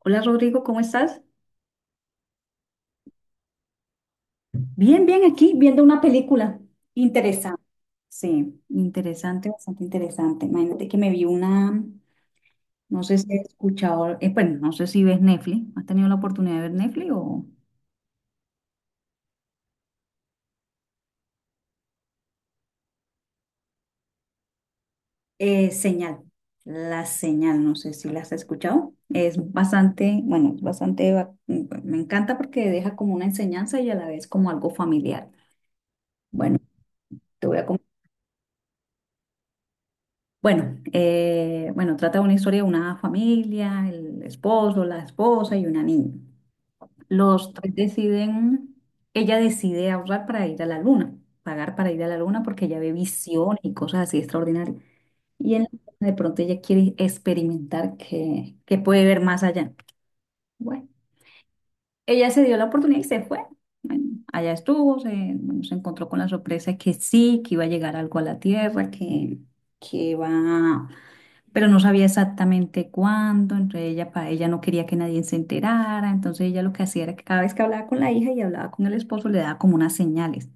Hola Rodrigo, ¿cómo estás? Bien, bien, aquí viendo una película interesante. Sí, interesante, bastante interesante. Imagínate que me vi una, no sé si has escuchado, bueno, no sé si ves Netflix. ¿Has tenido la oportunidad de ver Netflix o...? Señal, la señal, no sé si la has escuchado. Es bastante, bueno, es bastante, me encanta porque deja como una enseñanza y a la vez como algo familiar. Bueno, te voy a comentar. Bueno, bueno, trata de una historia de una familia, el esposo, la esposa y una niña. Los tres deciden, ella decide ahorrar para ir a la luna, pagar para ir a la luna porque ella ve visiones y cosas así extraordinarias. Y en la luna de pronto ella quiere experimentar que puede ver más allá. Bueno, ella se dio la oportunidad y se fue. Allá estuvo, bueno, se encontró con la sorpresa que sí, que iba a llegar algo a la Tierra, que va pero no sabía exactamente cuándo, entonces ella, ella no quería que nadie se enterara, entonces ella lo que hacía era que cada vez que hablaba con la hija y hablaba con el esposo le daba como unas señales,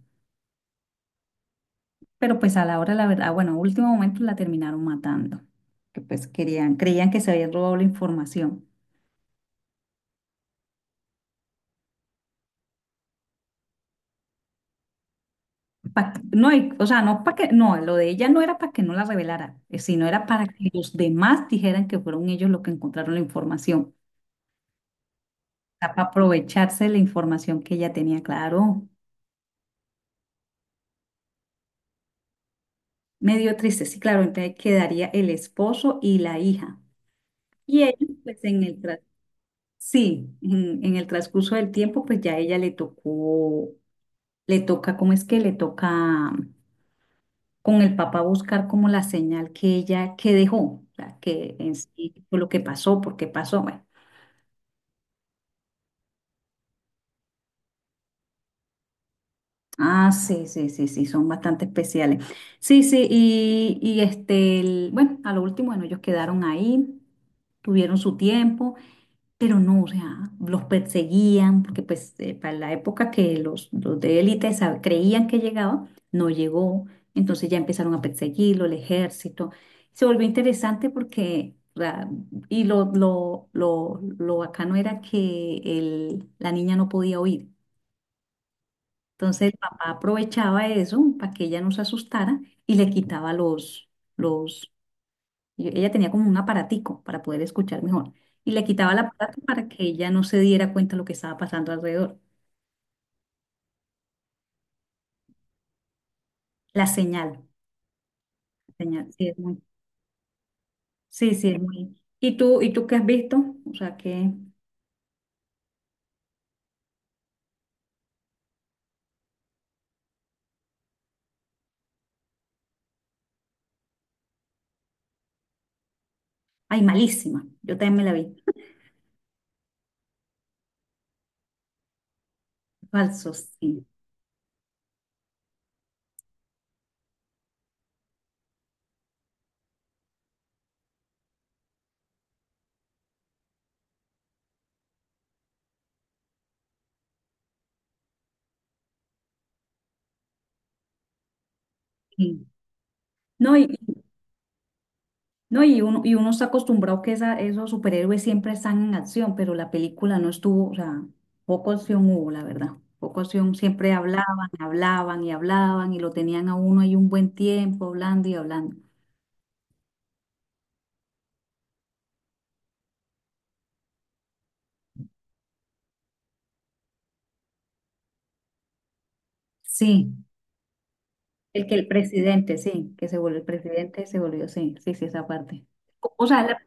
pero pues a la hora, la verdad, bueno, a último momento la terminaron matando, que pues querían, creían que se habían robado la información. No, o sea, no para que, no, lo de ella no era para que no la revelara, sino era para que los demás dijeran que fueron ellos los que encontraron la información, para aprovecharse de la información que ella tenía, claro. Medio dio triste, sí, claro, entonces quedaría el esposo y la hija. Y él, pues en el sí, en el transcurso del tiempo, pues ya ella le tocó, le toca, ¿cómo es que le toca con el papá buscar como la señal que ella, que dejó, o sea, que en sí fue lo que pasó, por qué pasó, bueno. Ah, sí, sí, sí, sí, son bastante especiales. Sí, sí, y este, bueno, a lo último, bueno, ellos quedaron ahí, tuvieron su tiempo. Pero no, o sea, los perseguían, porque pues para la época que los de élite creían que llegaba, no llegó. Entonces ya empezaron a perseguirlo, el ejército. Se volvió interesante porque, o sea, y lo bacano era que el, la niña no podía oír. Entonces el papá aprovechaba eso para que ella no se asustara y le quitaba los, y ella tenía como un aparatico para poder escuchar mejor. Y le quitaba el aparato para que ella no se diera cuenta de lo que estaba pasando alrededor. La señal, la señal, sí, es muy, sí, sí, es muy. Y tú qué has visto? O sea que, ay, malísima. Yo también me la vi. Falsos, sí, sí. No, y, no, y uno está acostumbrado que esa, esos superhéroes siempre están en acción, pero la película no estuvo, o sea, poco acción hubo, la verdad. Poco acción, siempre hablaban, hablaban y hablaban y lo tenían a uno ahí un buen tiempo hablando y hablando. Sí, el que el presidente, sí, que se volvió el presidente, se volvió, sí, sí, sí, esa parte. O sea,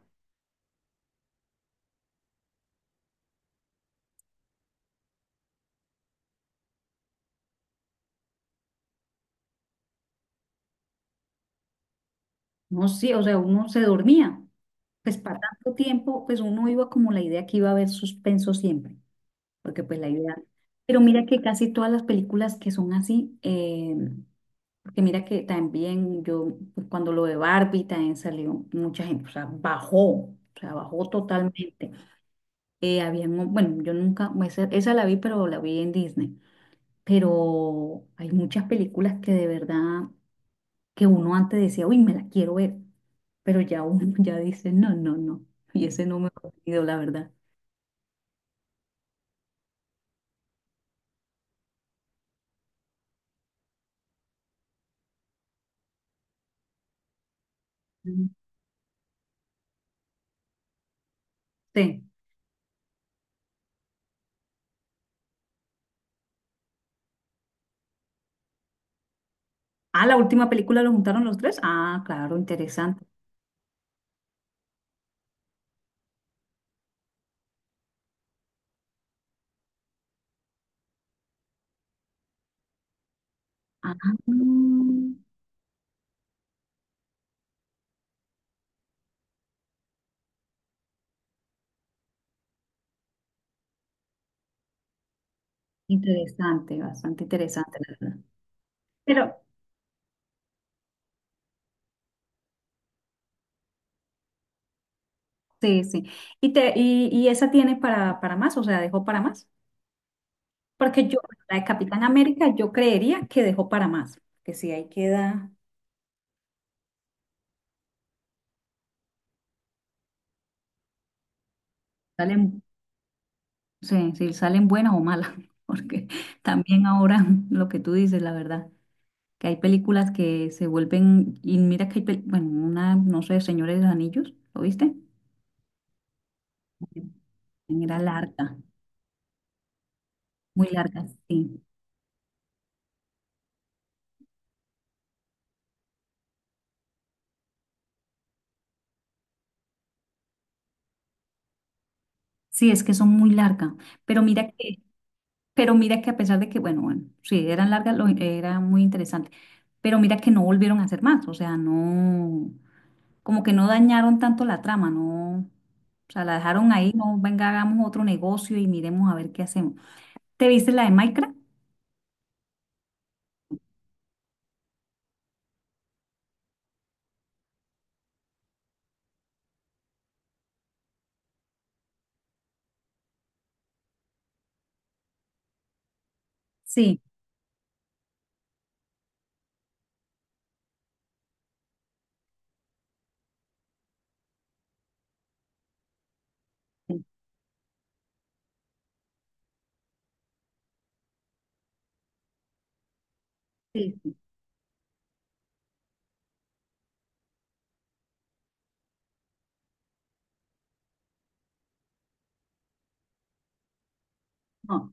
no, sí, o sea, uno se dormía. Pues para tanto tiempo, pues uno iba como la idea que iba a haber suspenso siempre. Porque pues la idea. Pero mira que casi todas las películas que son así, porque mira que también yo, pues, cuando lo de Barbie también salió mucha gente, o sea, bajó totalmente. Había, bueno, yo nunca, pues, esa la vi, pero la vi en Disney. Pero hay muchas películas que de verdad, que uno antes decía, uy, me la quiero ver, pero ya uno ya dice, no, no, no, y ese no me ha ocurrido, la verdad. Mm. Sí. Ah, la última película lo juntaron los tres. Ah, claro, interesante. Ah, interesante, bastante interesante, la verdad. Pero, sí, sí. ¿Y esa tiene para más? O sea, ¿dejó para más? Porque yo, la de Capitán América, yo creería que dejó para más. Que si ahí queda, salen, sí, sí salen buenas o malas. Porque también ahora lo que tú dices, la verdad, que hay películas que se vuelven, y mira que hay, bueno, una, no sé, Señores de los Anillos, ¿lo viste? Era larga, muy larga, sí. Sí, es que son muy largas. Pero mira que, pero mira que a pesar de que, bueno, bueno, sí, eran largas, era muy interesante. Pero mira que no volvieron a hacer más. O sea, no, como que no dañaron tanto la trama, no. O sea, la dejaron ahí, no, venga, hagamos otro negocio y miremos a ver qué hacemos. ¿Te viste la de Minecraft? Sí, sí, sí, sí, no,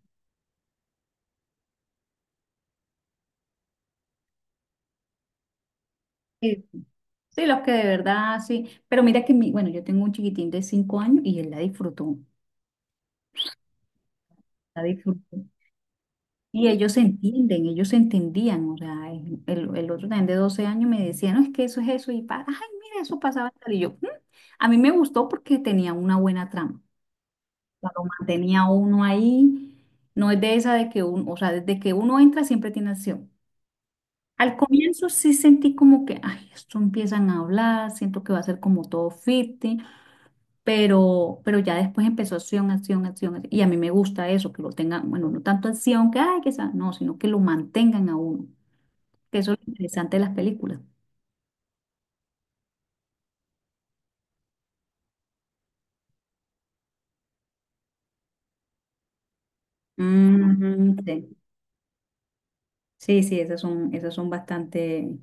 sí, sí. Sí, los que de verdad, sí. Pero mira que mi, bueno, yo tengo un chiquitín de 5 años y él la disfrutó. La disfrutó. Y ellos se entienden, ellos se entendían, o sea, el el otro también de 12 años me decía, no, es que eso es eso, y para, ay, mira, eso pasaba, y tal", y yo, "Mm". A mí me gustó porque tenía una buena trama, o sea, lo mantenía uno ahí, no es de esa de que uno, o sea, desde que uno entra siempre tiene acción. Al comienzo sí sentí como que, ay, esto empiezan a hablar, siento que va a ser como todo ficti, pero ya después empezó acción, acción, acción, acción, y a mí me gusta eso, que lo tengan, bueno, no tanto acción que, ay, que sea, no, sino que lo mantengan a uno que eso es lo interesante de las películas. Mm, sí, sí, sí, esas son bastante...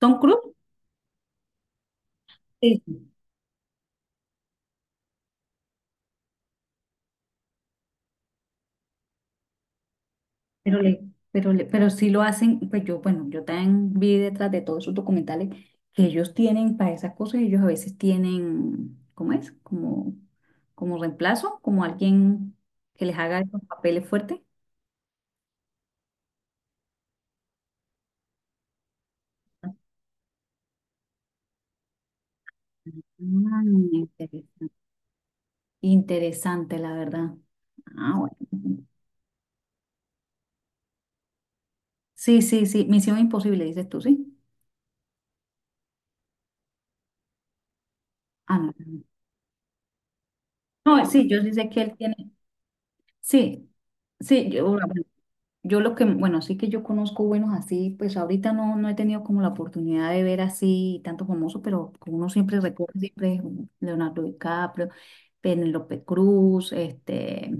Tom Cruise, sí, pero, le, pero sí lo hacen, pues yo, bueno, yo también vi detrás de todos esos documentales que ellos tienen para esas cosas, ellos a veces tienen, ¿cómo es? Como, como reemplazo, como alguien que les haga esos papeles fuertes. Ah, interesante. Interesante, la verdad. Ah, bueno. Sí, sí, sí. Misión imposible, dices tú, ¿sí? Ah, no. No, sí, yo sí sé que él tiene, sí, sí, yo, bueno, yo lo que, bueno, sí que yo conozco buenos así, pues ahorita no, no he tenido como la oportunidad de ver así tanto famoso, pero como uno siempre recuerda, siempre es Leonardo DiCaprio, Penélope Cruz,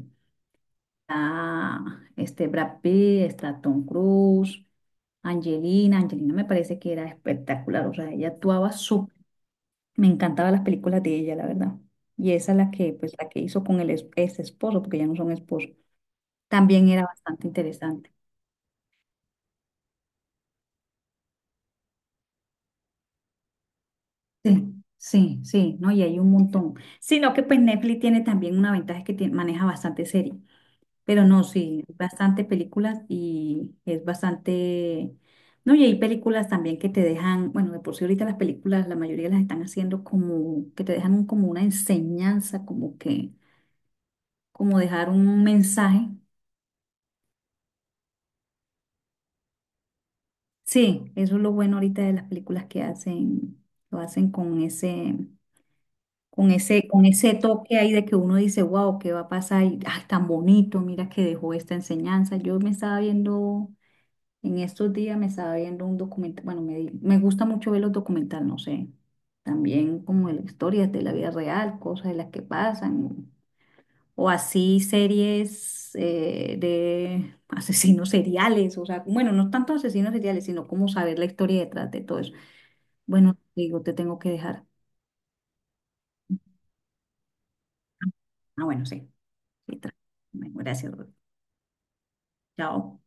ah, este Brad Pitt, está Tom Cruise, Angelina, Angelina me parece que era espectacular, o sea, ella actuaba súper me encantaban las películas de ella, la verdad. Y esa es la que, pues, la que hizo con el ex esposo, porque ya no son esposos. También era bastante interesante. Sí, sí, sí, ¿no? Y hay un montón. Sino que, pues, Netflix tiene también una ventaja es que maneja bastante serie. Pero no, sí, bastante películas y es bastante... No, y hay películas también que te dejan, bueno, de por sí ahorita las películas, la mayoría las están haciendo como, que te dejan como una enseñanza, como que, como dejar un mensaje. Sí, eso es lo bueno ahorita de las películas que hacen, lo hacen con ese, con ese toque ahí de que uno dice, wow, ¿qué va a pasar? Y, ay, tan bonito, mira que dejó esta enseñanza. Yo me estaba viendo, en estos días me estaba viendo un documental, bueno, me gusta mucho ver los documentales, no sé, también como de la historia de la vida real, cosas de las que pasan o así series de asesinos seriales, o sea, bueno, no tanto asesinos seriales, sino como saber la historia detrás de todo eso. Bueno, digo, te tengo que dejar. Ah, bueno, sí, sí, bueno, gracias. Ruth. Chao.